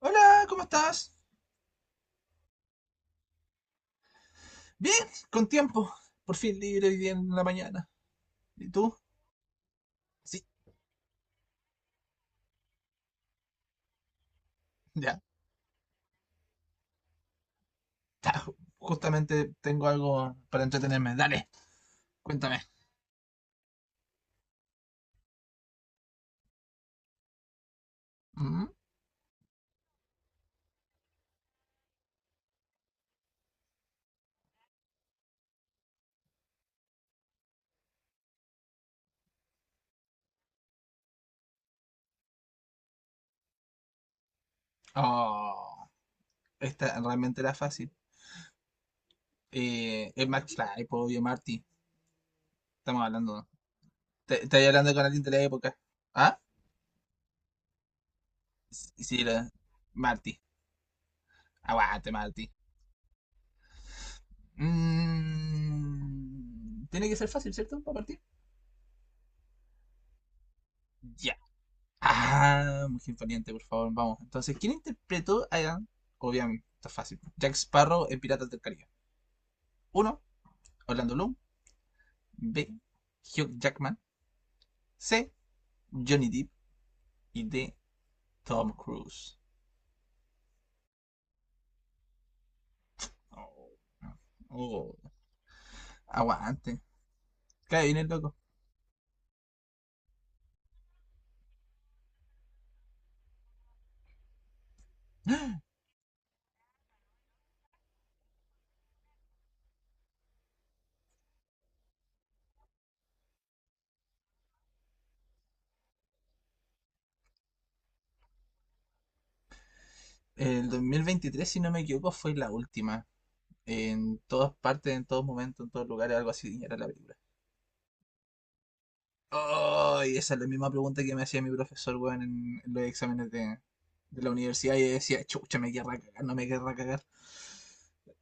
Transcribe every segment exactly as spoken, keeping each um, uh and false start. Hola, ¿cómo estás? Bien, con tiempo. Por fin libre hoy día en la mañana. ¿Y tú? Sí, ya. ta, justamente tengo algo para entretenerme. Dale, cuéntame. Mm. Oh, esta realmente era fácil. Eh, es McFly, po, obvio, Marty. Estamos hablando. Te, estoy hablando con alguien de la época. ¿Ah? Sí, sí, lo- Marty. Aguante, Marty. Mm, tiene que ser fácil, ¿cierto? Para partir. Ya. Ah, Mujer Valiente, por favor, vamos. Entonces, ¿quién interpretó a... Obviamente, está fácil. Jack Sparrow en Piratas del Caribe. Uno. Orlando Bloom. B. Hugh Jackman. C. Johnny Depp. Y D. Tom Cruise. Oh, oh, aguante. Cae bien el loco. El dos mil veintitrés, si no me equivoco, fue la última. En todas partes, en todos momentos, en todos lugares, algo así era la película. Ay, esa es la misma pregunta que me hacía mi profesor, weón, en, en los exámenes de, de la universidad. Y yo decía, chucha, me querrá cagar, no me querrá cagar.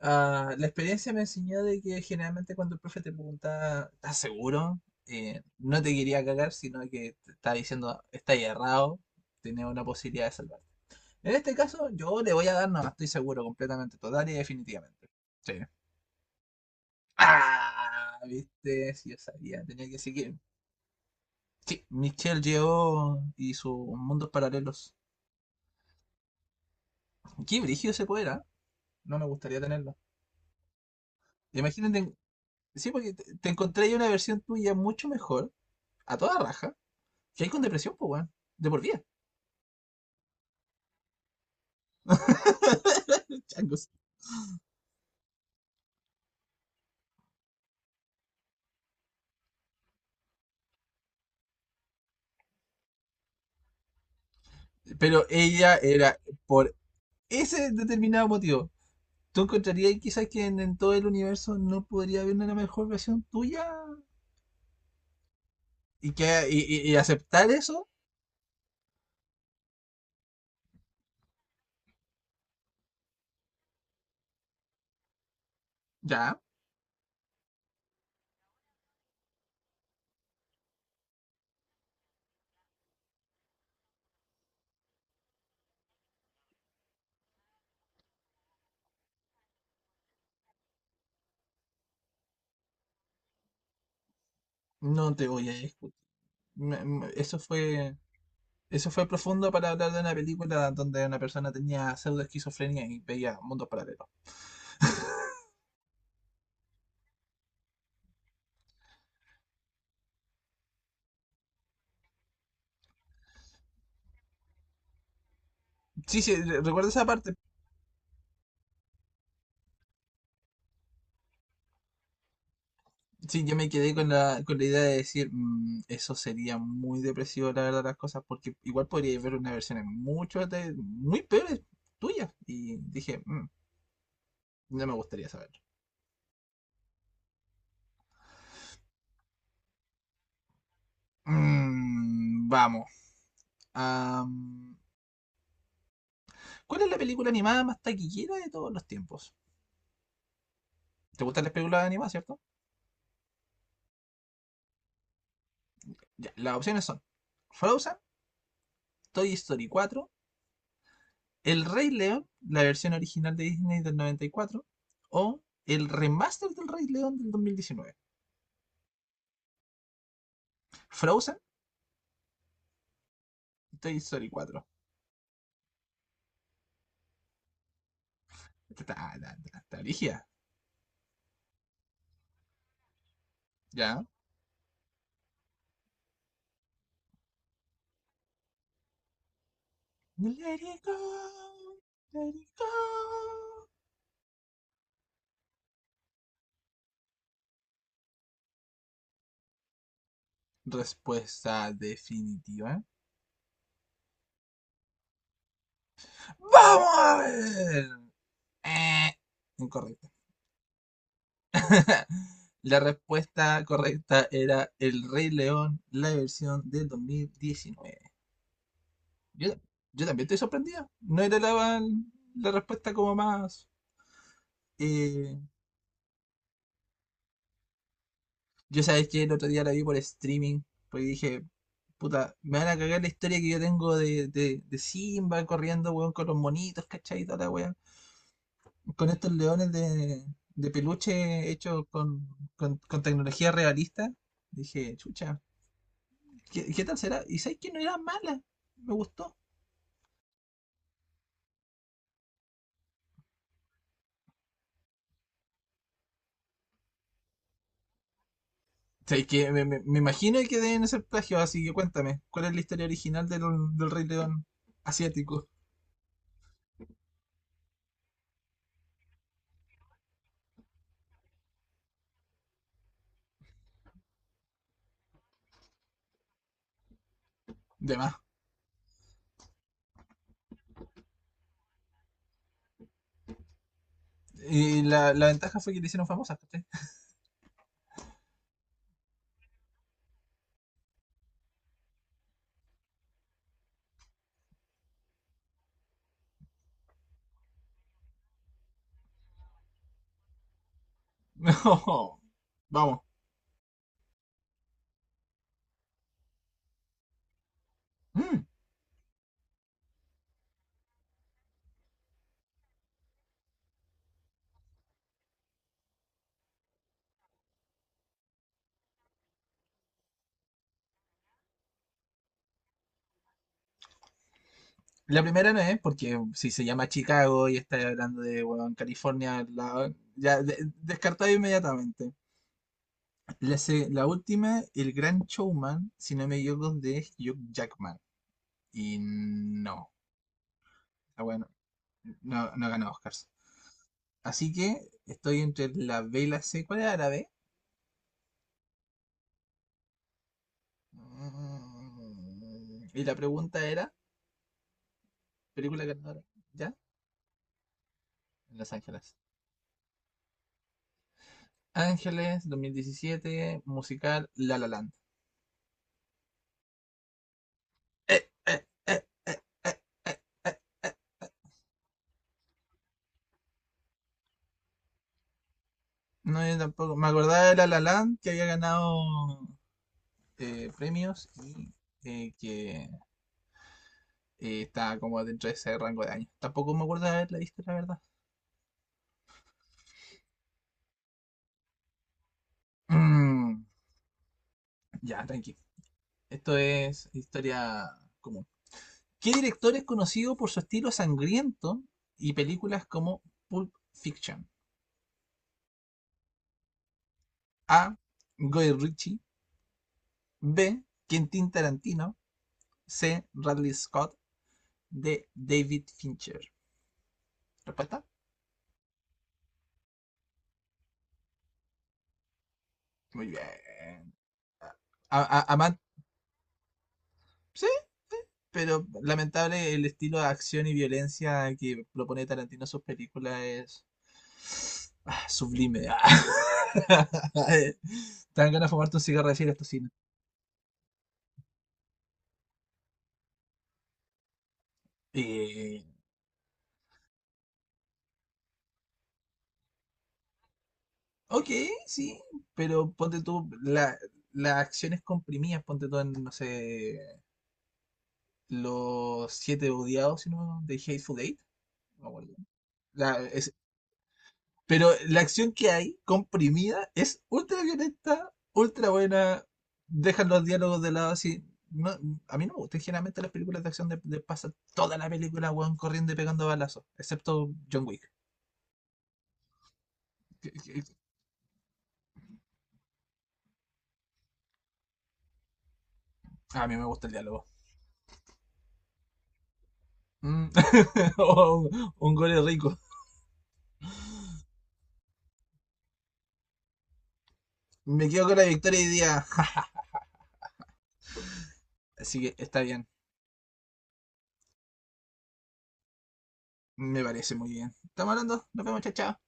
Ah, la experiencia me enseñó de que generalmente cuando el profe te pregunta, ¿estás seguro? Eh, no te quería cagar, sino que te está diciendo, está errado, tenés una posibilidad de salvarte. En este caso, yo le voy a dar, no, estoy seguro, completamente, total y definitivamente. Sí. Ah, viste, si yo sabía, tenía que seguir. Sí, Michelle llegó y sus mundos paralelos. Qué brígido ese poder, ¿ah? No me gustaría tenerlo. Imagínate, sí, porque te, te encontré ahí una versión tuya mucho mejor, a toda raja, que hay con depresión, pues, weón. De por vida. Changos. Pero ella era, por ese determinado motivo, ¿tú encontrarías quizás que en, en todo el universo no podría haber una mejor versión tuya? Y, que, y, y- y aceptar eso, ya, no te voy a discutir. Me- me- Eso fue Eso fue profundo para hablar de una película donde una persona tenía pseudo esquizofrenia y veía mundos paralelos. Sí, sí, re- recuerdo esa parte. Sí, yo me quedé con la, con la idea de decir, "Mm, eso sería muy depresivo, la verdad, las cosas, porque igual podría ver unas versiones mucho de, muy peores tuyas. Y dije, "Mm, no me gustaría saberlo. Mm, vamos. Am, ¿cuál es la película animada más taquillera de todos los tiempos? ¿Te gustan las películas animadas, cierto? Ya, las opciones son Frozen, Toy Story cuatro. El Rey León, la versión original de Disney del noventa y cuatro, o el remaster del Rey León del dos mil diecinueve. Frozen, Toy Story cuatro. Está, está, está, está ¿ya? Let it go, let it go. Respuesta definitiva. ¡Vamos a ver! Eh, Incorrecta. La respuesta correcta era El Rey León, la versión del dos mil diecinueve. Yo, yo también estoy sorprendida. No era la, la respuesta como más. eh, yo sabes que el otro día la vi por streaming, porque dije, puta, me van a cagar la historia que yo tengo de, de, de Simba corriendo, weón, con los monitos, ¿cachai? Y toda la weá. Con estos leones de, de peluche hechos con, con, con tecnología realista. Dije, chucha, ¿qué, qué tal será? Y sabes que no era mala, me gustó. Sabéis que me, me- me imagino que deben ser plagios, así que cuéntame, ¿cuál es la historia original del, del Rey León asiático? De más. Y la, la ventaja fue que le hicieron famosa, ¿cachai? No, vamos. Mm, La primera no es, porque si se llama Chicago y está hablando de bueno, California, la- ya de- descartado inmediatamente. La, se- la última, El Gran Showman, si no me equivoco, de Hugh Jackman. Y no, ah, bueno, no, no ganó Oscars. Así que estoy entre la B y la C. ¿Cuál era la B? Mm, Y la pregunta era, película ganadora, ¿ya? En Los Ángeles. Ángeles, dos mil diecisiete, musical La La Land. Eh, eh, eh. No, yo tampoco. Me acordaba de La La Land que había ganado eh, premios y eh, que eh, estaba como dentro de ese rango de años. Tampoco me acuerdo de haberla visto, la verdad. Mm, ya, tranqui. Esto es historia común. ¿Qué director es conocido por su estilo sangriento y películas como Pulp Fiction? A. Guy Ritchie. B. Quentin Tarantino. C. Ridley Scott. D. David Fincher. ¿Respuesta? Muy bien. A- a- aman- sí, sí, pero lamentable el estilo de acción y violencia que propone Tarantino en sus películas es ah, sublime. ah. Te dan ganas de fumarte un cigarro de decir esto cine. Eh, Ok, sí, pero ponte tú la- las acciones comprimidas, ponte tú en, no sé, los siete odiados, si no, de Hateful Eight, no me acuerdo. La- es- pero la acción que hay comprimida es ultra violenta, ultra buena, dejan los diálogos de lado así. No, a mí no me gustan generalmente las películas de acción de, de pasar toda la película, weón, corriendo y pegando balazos, excepto John Wick. que- que- a mí me gusta el diálogo. Mm. O un, un gol rico. Me quedo con la victoria hoy día. Así que está bien. Me parece muy bien. Estamos hablando. Nos vemos, chao, chao.